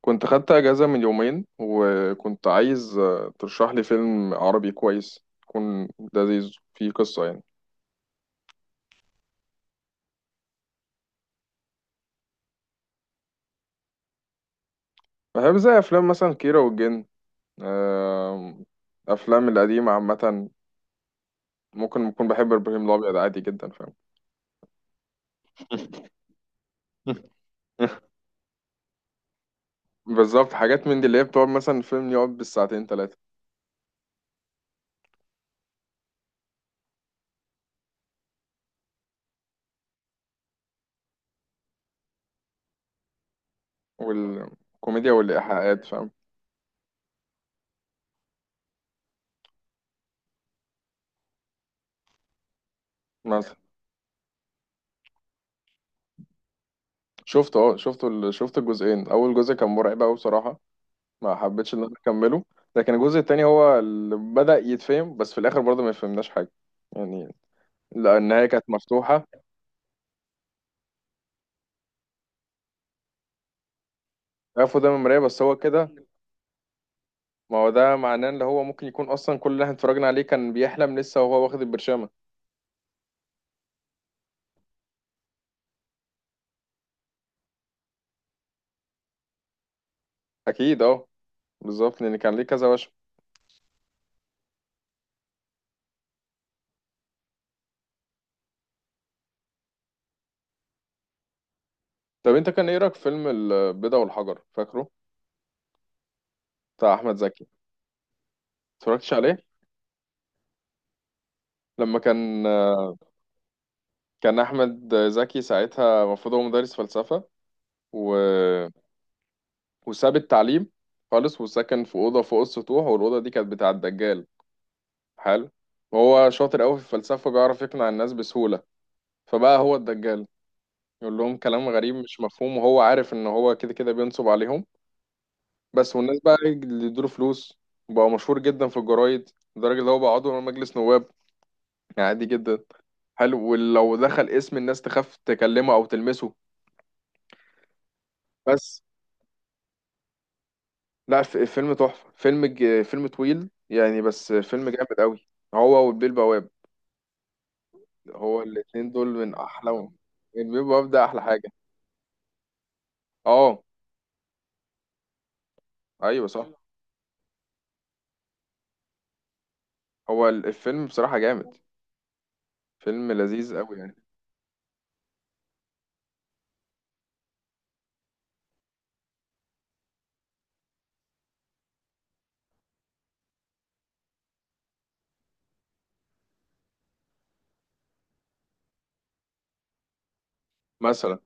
كنت خدت اجازه من يومين وكنت عايز ترشح لي فيلم عربي كويس يكون لذيذ فيه قصه يعني. بحب زي افلام مثلا كيرة والجن. آم، افلام القديمه عامه. ممكن اكون بحب ابراهيم الابيض عادي جدا، فاهم؟ بالظبط، حاجات من دي اللي هي بتقعد مثلا الفيلم يقعد بالساعتين ثلاثه. والكوميديا والايحاءات فاهم. مثلا. شفته. اه شفت الجزئين. اول جزء كان مرعب قوي بصراحه، ما حبيتش ان انا اكمله. لكن الجزء التاني هو اللي بدأ يتفهم، بس في الاخر برضه ما فهمناش حاجه يعني. لا، النهايه كانت مفتوحه. عرفوا ده من المرايه، بس هو كده. ما هو ده معناه ان هو ممكن يكون اصلا كل اللي احنا اتفرجنا عليه كان بيحلم لسه وهو واخد البرشامه. اكيد اه، بالظبط، لان كان ليه كذا وشم. طب انت كان ايه رايك في فيلم البيضه والحجر، فاكره؟ بتاع احمد زكي. اتفرجتش عليه؟ لما كان، كان احمد زكي ساعتها المفروض هو مدرس فلسفه و وساب التعليم خالص. وسكن في أوضة فوق السطوح، والأوضة دي كانت بتاع الدجال. حلو. وهو شاطر قوي في الفلسفة، بيعرف يقنع الناس بسهولة. فبقى هو الدجال، يقول لهم كلام غريب مش مفهوم وهو عارف إن هو كده كده بينصب عليهم. بس والناس بقى إيه، اللي يدوله فلوس. بقى مشهور جدا في الجرايد، لدرجة إن هو بقى عضو من مجلس نواب، يعني عادي جدا. حلو، ولو دخل اسم الناس تخاف تكلمه أو تلمسه. بس. لا، فيلم تحفة. فيلم طويل يعني، بس فيلم جامد قوي. هو والبيه البواب، هو الاتنين دول من احلاهم. من بيب وببدأ احلى حاجه. اه، ايوه، صح. هو الفيلم بصراحه جامد، فيلم لذيذ قوي يعني. مثلا.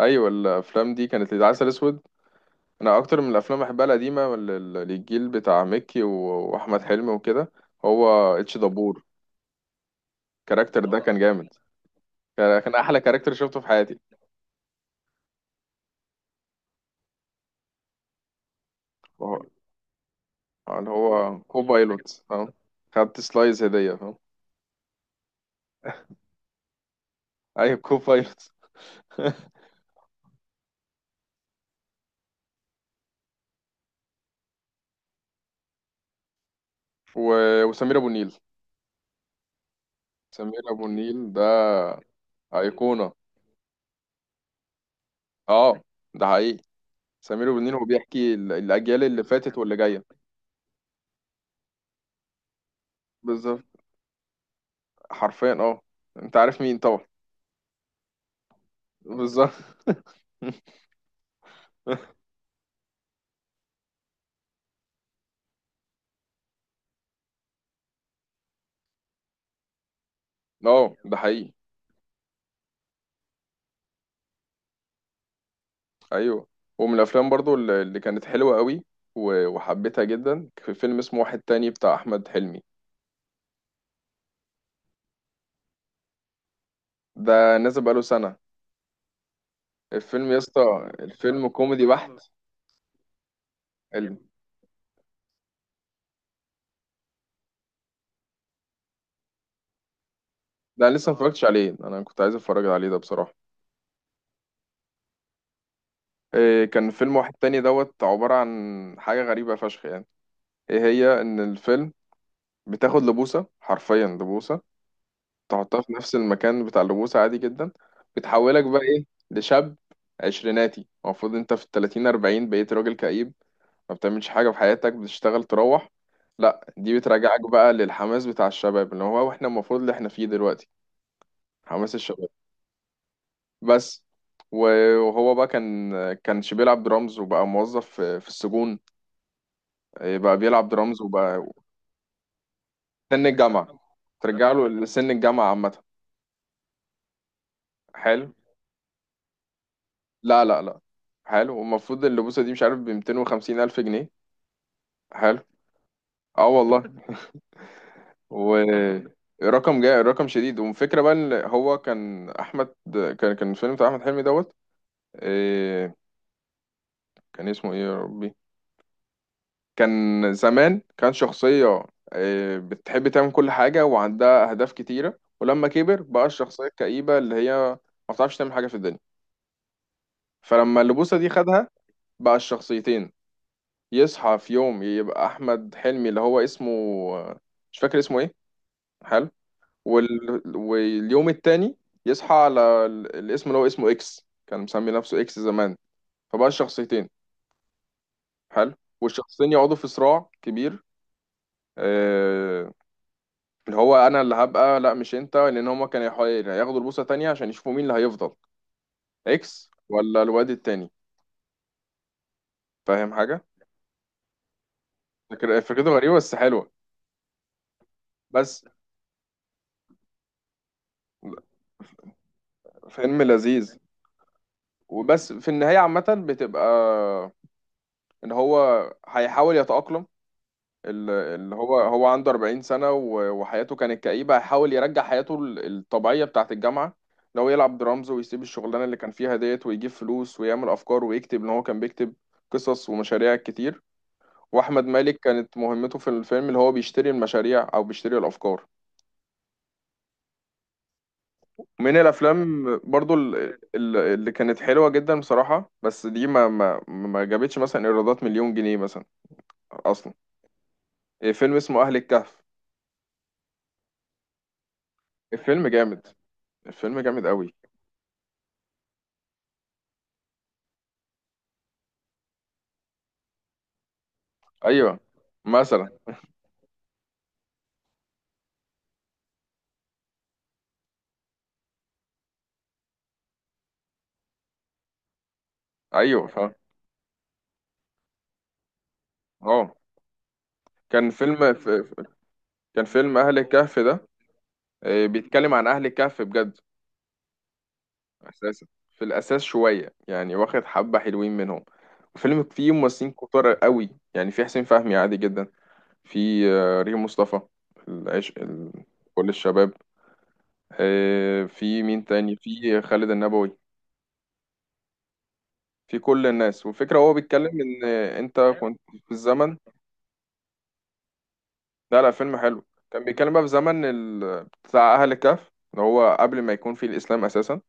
ايوه، الافلام دي كانت العسل اسود. انا اكتر من الافلام بحبها القديمه، الجيل بتاع مكي واحمد حلمي وكده. هو اتش دبور، الكاركتر ده كان جامد. كان احلى كاركتر شفته في حياتي. وهو- اللي هو كو بايلوت، اه، خدت سلايز هديه فاهم. ايوه، كو بايلوت. وسمير ابو النيل. سمير ابو النيل ده أيقونة. اه، ده حقيقي. سمير وبنين، هو بيحكي الأجيال اللي فاتت واللي جاية. بالظبط، حرفيا اه، انت عارف مين طبعا. بالظبط. اه، ده حقيقي. ايوه. ومن الافلام برضو اللي كانت حلوه قوي وحبيتها جدا، في فيلم اسمه واحد تاني بتاع احمد حلمي. ده نازل بقاله سنه. الفيلم يا اسطى، الفيلم كوميدي بحت. ال- ده أنا لسه ما اتفرجتش عليه، انا كنت عايز اتفرج عليه ده بصراحه. إيه، كان فيلم واحد تاني دوت عباره عن حاجه غريبه فشخ يعني. ايه هي ان الفيلم بتاخد لبوسه، حرفيا لبوسه. تحطها في نفس المكان بتاع اللبوسه عادي جدا، بتحولك بقى ايه؟ لشاب عشريناتي. المفروض انت في التلاتين اربعين بقيت راجل كئيب، ما بتعملش حاجه في حياتك، بتشتغل تروح. لا، دي بترجعك بقى للحماس بتاع الشباب، اللي هو احنا المفروض اللي احنا فيه دلوقتي. حماس الشباب. بس. و- وهو بقى كانش بيلعب درامز وبقى موظف في السجون. إيه، بقى بيلعب درامز وبقى. سن الجامعه. ترجع له لسن الجامعه عامه. حلو. لا، لا، لا. حلو. والمفروض اللبوسة دي مش عارف ب 250 ألف جنيه. حلو. اه والله. ورقم جاي، رقم شديد. والفكرة بقى ان هو كان أحمد. كان الفيلم بتاع أحمد حلمي دوت. إيه، كان اسمه ايه يا ربي؟ كان زمان كان شخصية إيه بتحب تعمل كل حاجة وعندها أهداف كتيرة، ولما كبر بقى الشخصية الكئيبة اللي هي ما بتعرفش تعمل حاجة في الدنيا. فلما اللبوسة دي خدها، بقى الشخصيتين. يصحى في يوم يبقى احمد حلمي اللي هو اسمه، مش فاكر اسمه ايه. حلو. واليوم التاني يصحى على الاسم اللي هو اسمه اكس، كان مسمي نفسه اكس زمان. فبقى الشخصيتين. حلو. والشخصيتين يقعدوا في صراع كبير. آه... اللي هو، انا اللي هبقى لا مش انت، لان هما كانوا ياخدوا البوصة تانية عشان يشوفوا مين اللي هيفضل، اكس ولا الواد التاني، فاهم حاجة. فكرته غريبة بس حلوة. بس. فيلم لذيذ. وبس في النهاية عامة بتبقى إن هو هيحاول يتأقلم. اللي هو عنده 40 سنة وحياته كانت كئيبة، هيحاول يرجع حياته الطبيعية بتاعة الجامعة. اللي هو يلعب درامز ويسيب الشغلانة اللي كان فيها ديت، ويجيب فلوس ويعمل أفكار ويكتب. إن هو كان بيكتب قصص ومشاريع كتير. وأحمد مالك كانت مهمته في الفيلم اللي هو بيشتري المشاريع أو بيشتري الأفكار. من الافلام برضو اللي كانت حلوه جدا بصراحه، بس دي ما جابتش مثلا ايرادات مليون جنيه مثلا اصلا. إيه، فيلم اسمه اهل الكهف. الفيلم جامد. الفيلم جامد قوي. ايوه. مثلا. ايوه، فاهم. اه، كان فيلم ف- ف- كان فيلم اهل الكهف ده. بيتكلم عن اهل الكهف بجد اساسا. في الاساس شويه يعني، واخد حبه حلوين منهم. الفيلم فيه ممثلين كتار قوي يعني، في حسين فهمي عادي جدا، في ريم مصطفى، العشق كل الشباب. في مين تاني، في خالد النبوي، في كل الناس. والفكرة هو بيتكلم إن أنت كنت في الزمن. لا، لا، فيلم حلو. كان بيتكلم بقى في زمن بتاع أهل الكهف، اللي هو قبل ما يكون في الإسلام أساسا.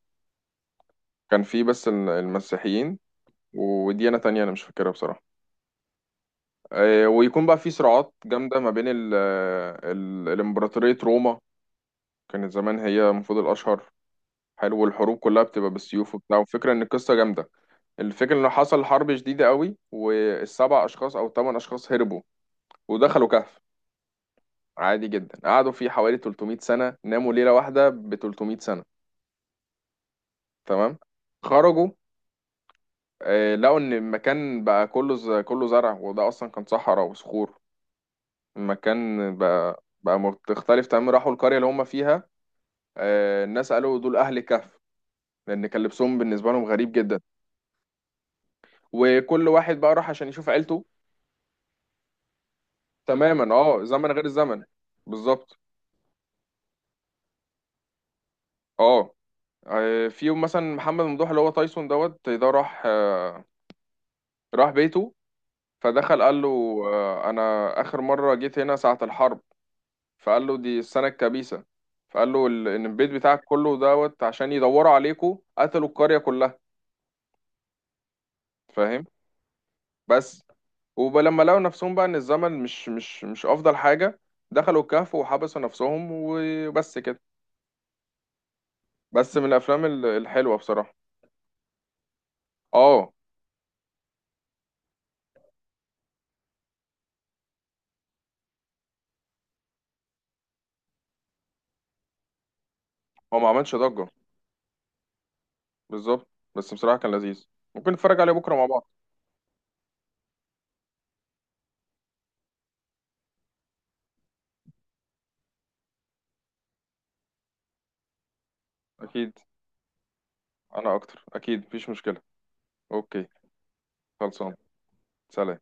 كان في بس المسيحيين وديانة تانية، أنا مش فاكرها بصراحة. ويكون بقى في صراعات جامدة ما بين الإمبراطورية روما. كانت زمان هي المفروض الأشهر. حلو. والحروب كلها بتبقى بالسيوف وبتاع. والفكرة إن القصة جامدة. الفكرة إن حصل حرب شديدة قوي، والسبع أشخاص أو الثمان أشخاص هربوا ودخلوا كهف عادي جدا. قعدوا فيه حوالي 300 سنة، ناموا ليلة واحدة ب 300 سنة. تمام. خرجوا. لقوا ان المكان بقى كله كله زرع، وده اصلا كان صحراء وصخور. المكان بقى مختلف تماما، راحوا القرية اللي هم فيها. الناس قالوا دول اهل كهف، لان كان لبسهم بالنسبة لهم غريب جدا. وكل واحد بقى راح عشان يشوف عيلته. تماما، اه، زمن غير الزمن. بالظبط. اه. في يوم مثلا محمد ممدوح اللي هو تايسون دوت ده راح راح بيته. فدخل قال له انا اخر مره جيت هنا ساعه الحرب. فقال له دي السنه الكبيسه. فقال له ان البيت بتاعك كله دوت، عشان يدوروا عليكوا قتلوا القريه كلها. فاهم. بس ولما لقوا نفسهم بقى ان الزمن مش افضل حاجه، دخلوا الكهف وحبسوا نفسهم وبس كده. بس من الافلام الحلوه بصراحه. اه، هو ما عملش ضجه. بالظبط. بس بصراحه كان لذيذ. ممكن نتفرج عليه بكره مع بعض. اكيد. انا اكتر، اكيد مفيش مشكله. اوكي. خلصان. سلام.